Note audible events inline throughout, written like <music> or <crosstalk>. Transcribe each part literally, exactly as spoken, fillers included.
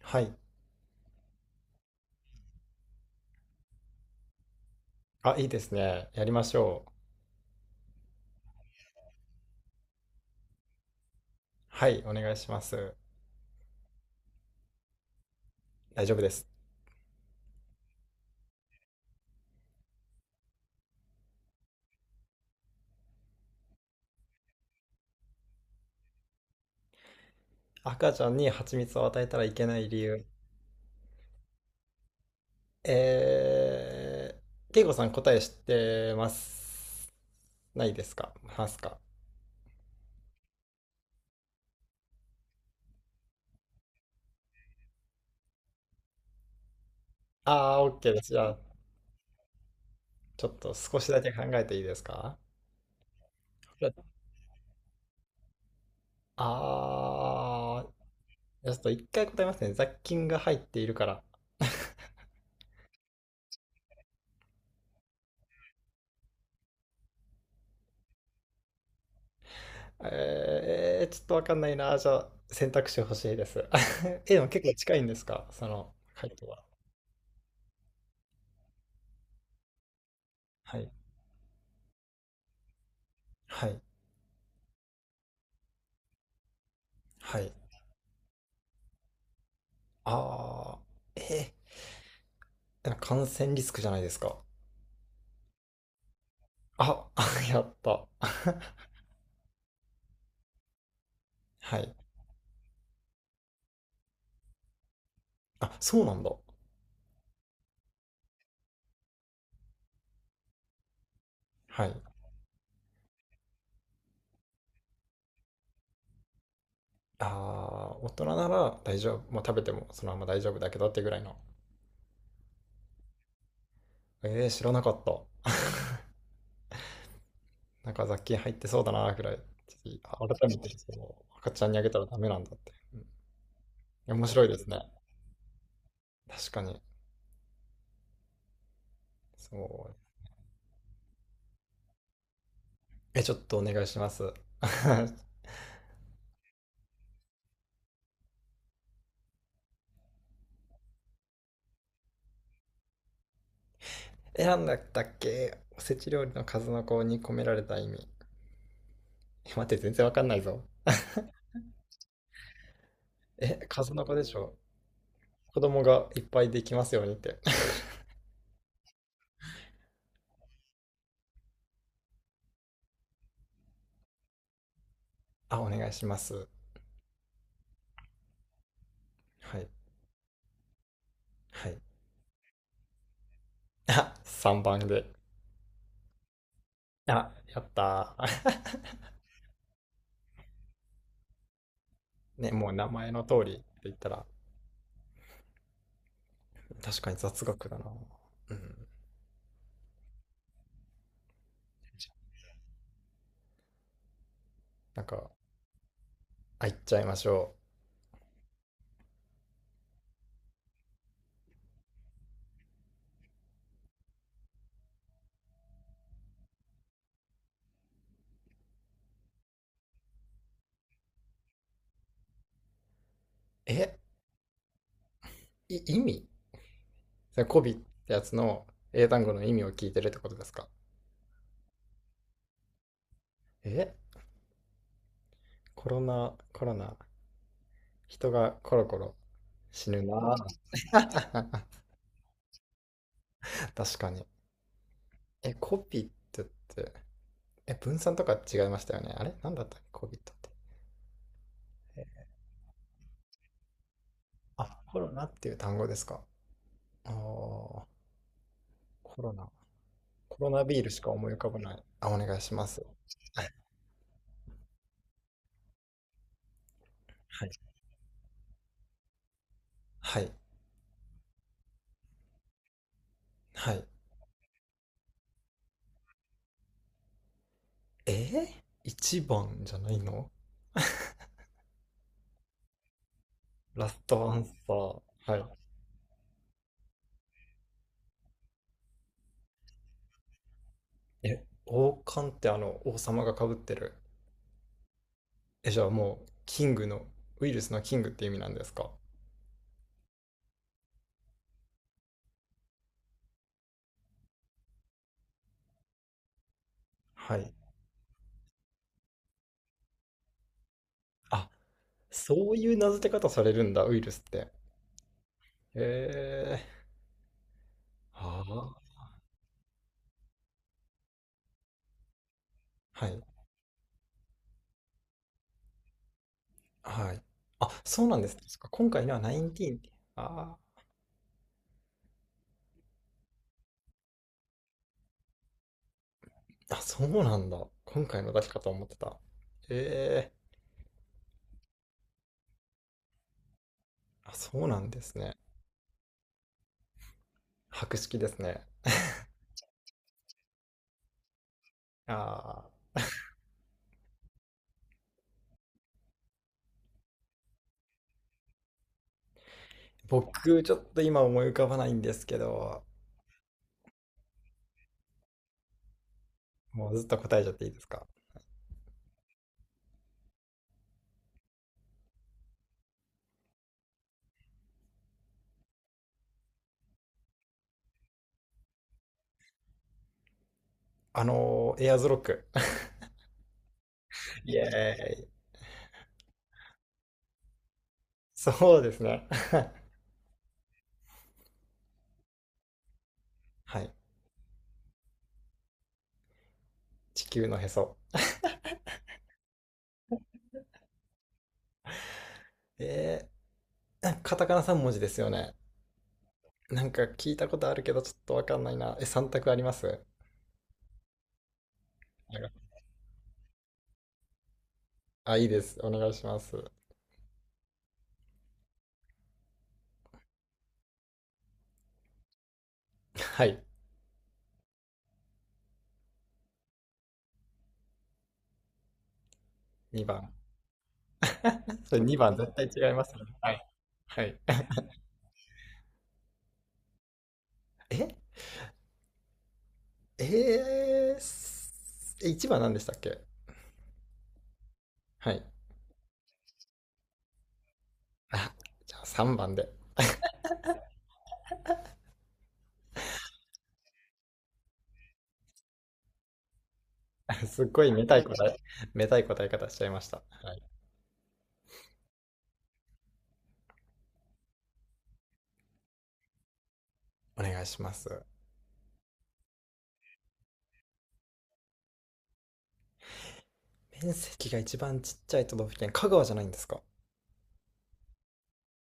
はい。あ、いいですね。やりましょう。はい、お願いします。大丈夫です。赤ちゃんに蜂蜜を与えたらいけない理由。えー、ケイコさん答え知ってます。ないですか？ますか？ああー、OK です。じゃあ、ちょっと少しだけ考えていいですか？ああー、ちょっと一回答えますね。雑菌が入っているから。えー、ちょっとわかんないな。じゃあ、選択肢欲しいです。<laughs> え、でも結構近いんですかその回答は？はい。はい。はい。ああ、えー、なんか感染リスクじゃないですか。あ、あ <laughs> やった。<laughs> はい。あ、そうなんだ。はい。ああ、大人なら大丈夫。まあ、食べてもそのまま大丈夫だけどってぐらいの。えー、知らなかった。<laughs> なんか雑菌入ってそうだなぐらい。ちょっと改めてその赤ちゃんにあげたらダメなんだって。うん、面白いですね。確かに。そう。え、ちょっとお願いします。<laughs> 選んだっけおせち料理の数の子に込められた意味。<laughs> え待って、全然わかんないぞ。え、数の子でしょ。子供がいっぱいできますようにって。<laughs> あ、お願いします。はい。はい。あ、さんばんで。あ、やったー。<laughs> ね、もう名前の通りって言ったら、確かに雑学だな。うん。なんか、あ、いっちゃいましょう。え、い意味それ、コビってやつの英単語の意味を聞いてるってことですか？え、コロナ、コロナ、人がコロコロ死ぬなー。<laughs> 確かに。え、コピットって、え、分散とか違いましたよね。あれなんだったっけコピットって。あ、コロナっていう単語ですか。ああ、コロナ。コロナビールしか思い浮かばない。あ、お願いします。はい。はい。はい。えー、一番じゃないの？ラストアンサー。はい。え、王冠ってあの、王様が被ってる。え、じゃあもう、キングの、ウイルスのキングって意味なんですか？はい。あ、そういう名付け方されるんだ、ウイルスって。へえ。ああ、はい、はい。あ、そうなんですね。そっか今回のはじゅうきゅうって。ああ、あ、そうなんだ。今回のだけかと思ってた。ええあ、そうなんですね。博識ですね。ああ、僕、ちょっと今思い浮かばないんですけど、もうずっと答えちゃっていいですか？あのーエアーズロック。<laughs> イエーイ。<laughs> そうですね。<laughs> はい。地球のへそ。えー、カタカナさん文字ですよね。なんか聞いたことあるけど、ちょっとわかんないな。え、さん択あります？あ、いいです。お願いします。はい。にばん。<laughs> それにばん絶対違いますね。はい。はい。ええー、すえいちばん何でしたっけ？はい。あ、じゃあさんばんで。<laughs> すっごいめたい答え、めたい答え方しちゃいました。はい。お願いします。面積が一番ちっちゃい都道府県、香川じゃないんですか？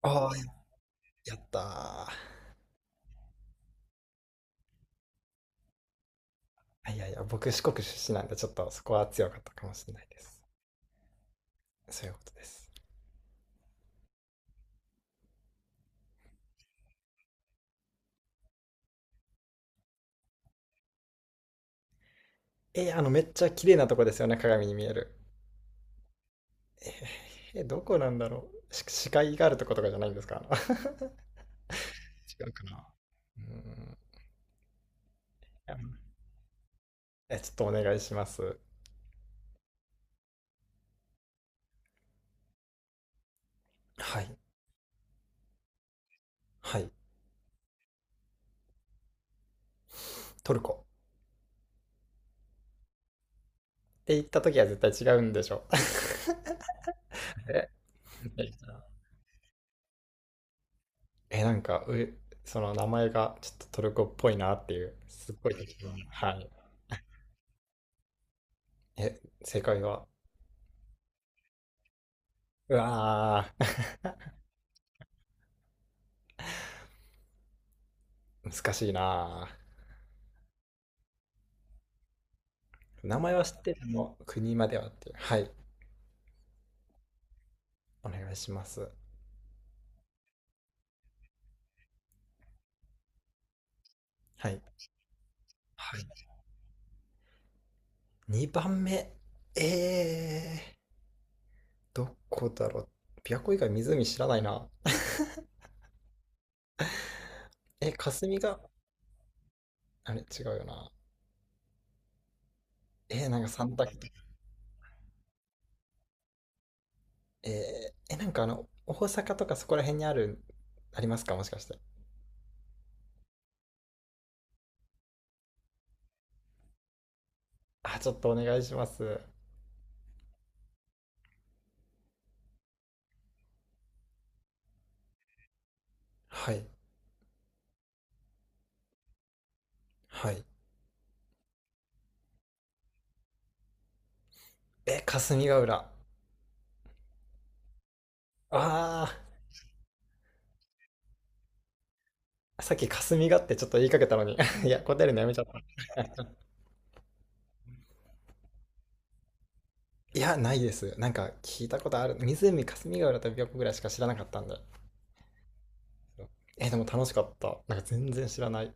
ああー、やったーあいやいや、僕四国出身なんで、ちょっとそこは強かったかもしれないです。そういうことです。えー、あの、めっちゃ綺麗なとこですよね、鏡に見える。えー、えーどこなんだろう。し視界があるとことかじゃないんですかあの <laughs> 違うかな。うーん。いやえちょっとお願いします。はい。はい。トルコ。って言った時は絶対違うんでしょ。<laughs> ええ、なんか、う、その名前がちょっとトルコっぽいなっていう、すっごい適当な。はい。え、正解は？うわー <laughs> 難しいなー名前は知ってるの国まではっていうはいお願いしますはいはい。にばんめえー、どこだろう琵琶湖以外湖知らないなえ霞があれ違うよなえー、なんか三択えー、えなんかあの大阪とかそこら辺にあるありますかもしかしてあちょっとお願いしますはいはいえ霞ヶ浦ああーさっき霞がってちょっと言いかけたのに <laughs> いや、答えるのやめちゃった。いや、ないです。なんか聞いたことある。湖霞ヶ浦と琵琶湖ぐらいしか知らなかったんで。え、でも楽しかった。なんか全然知らない。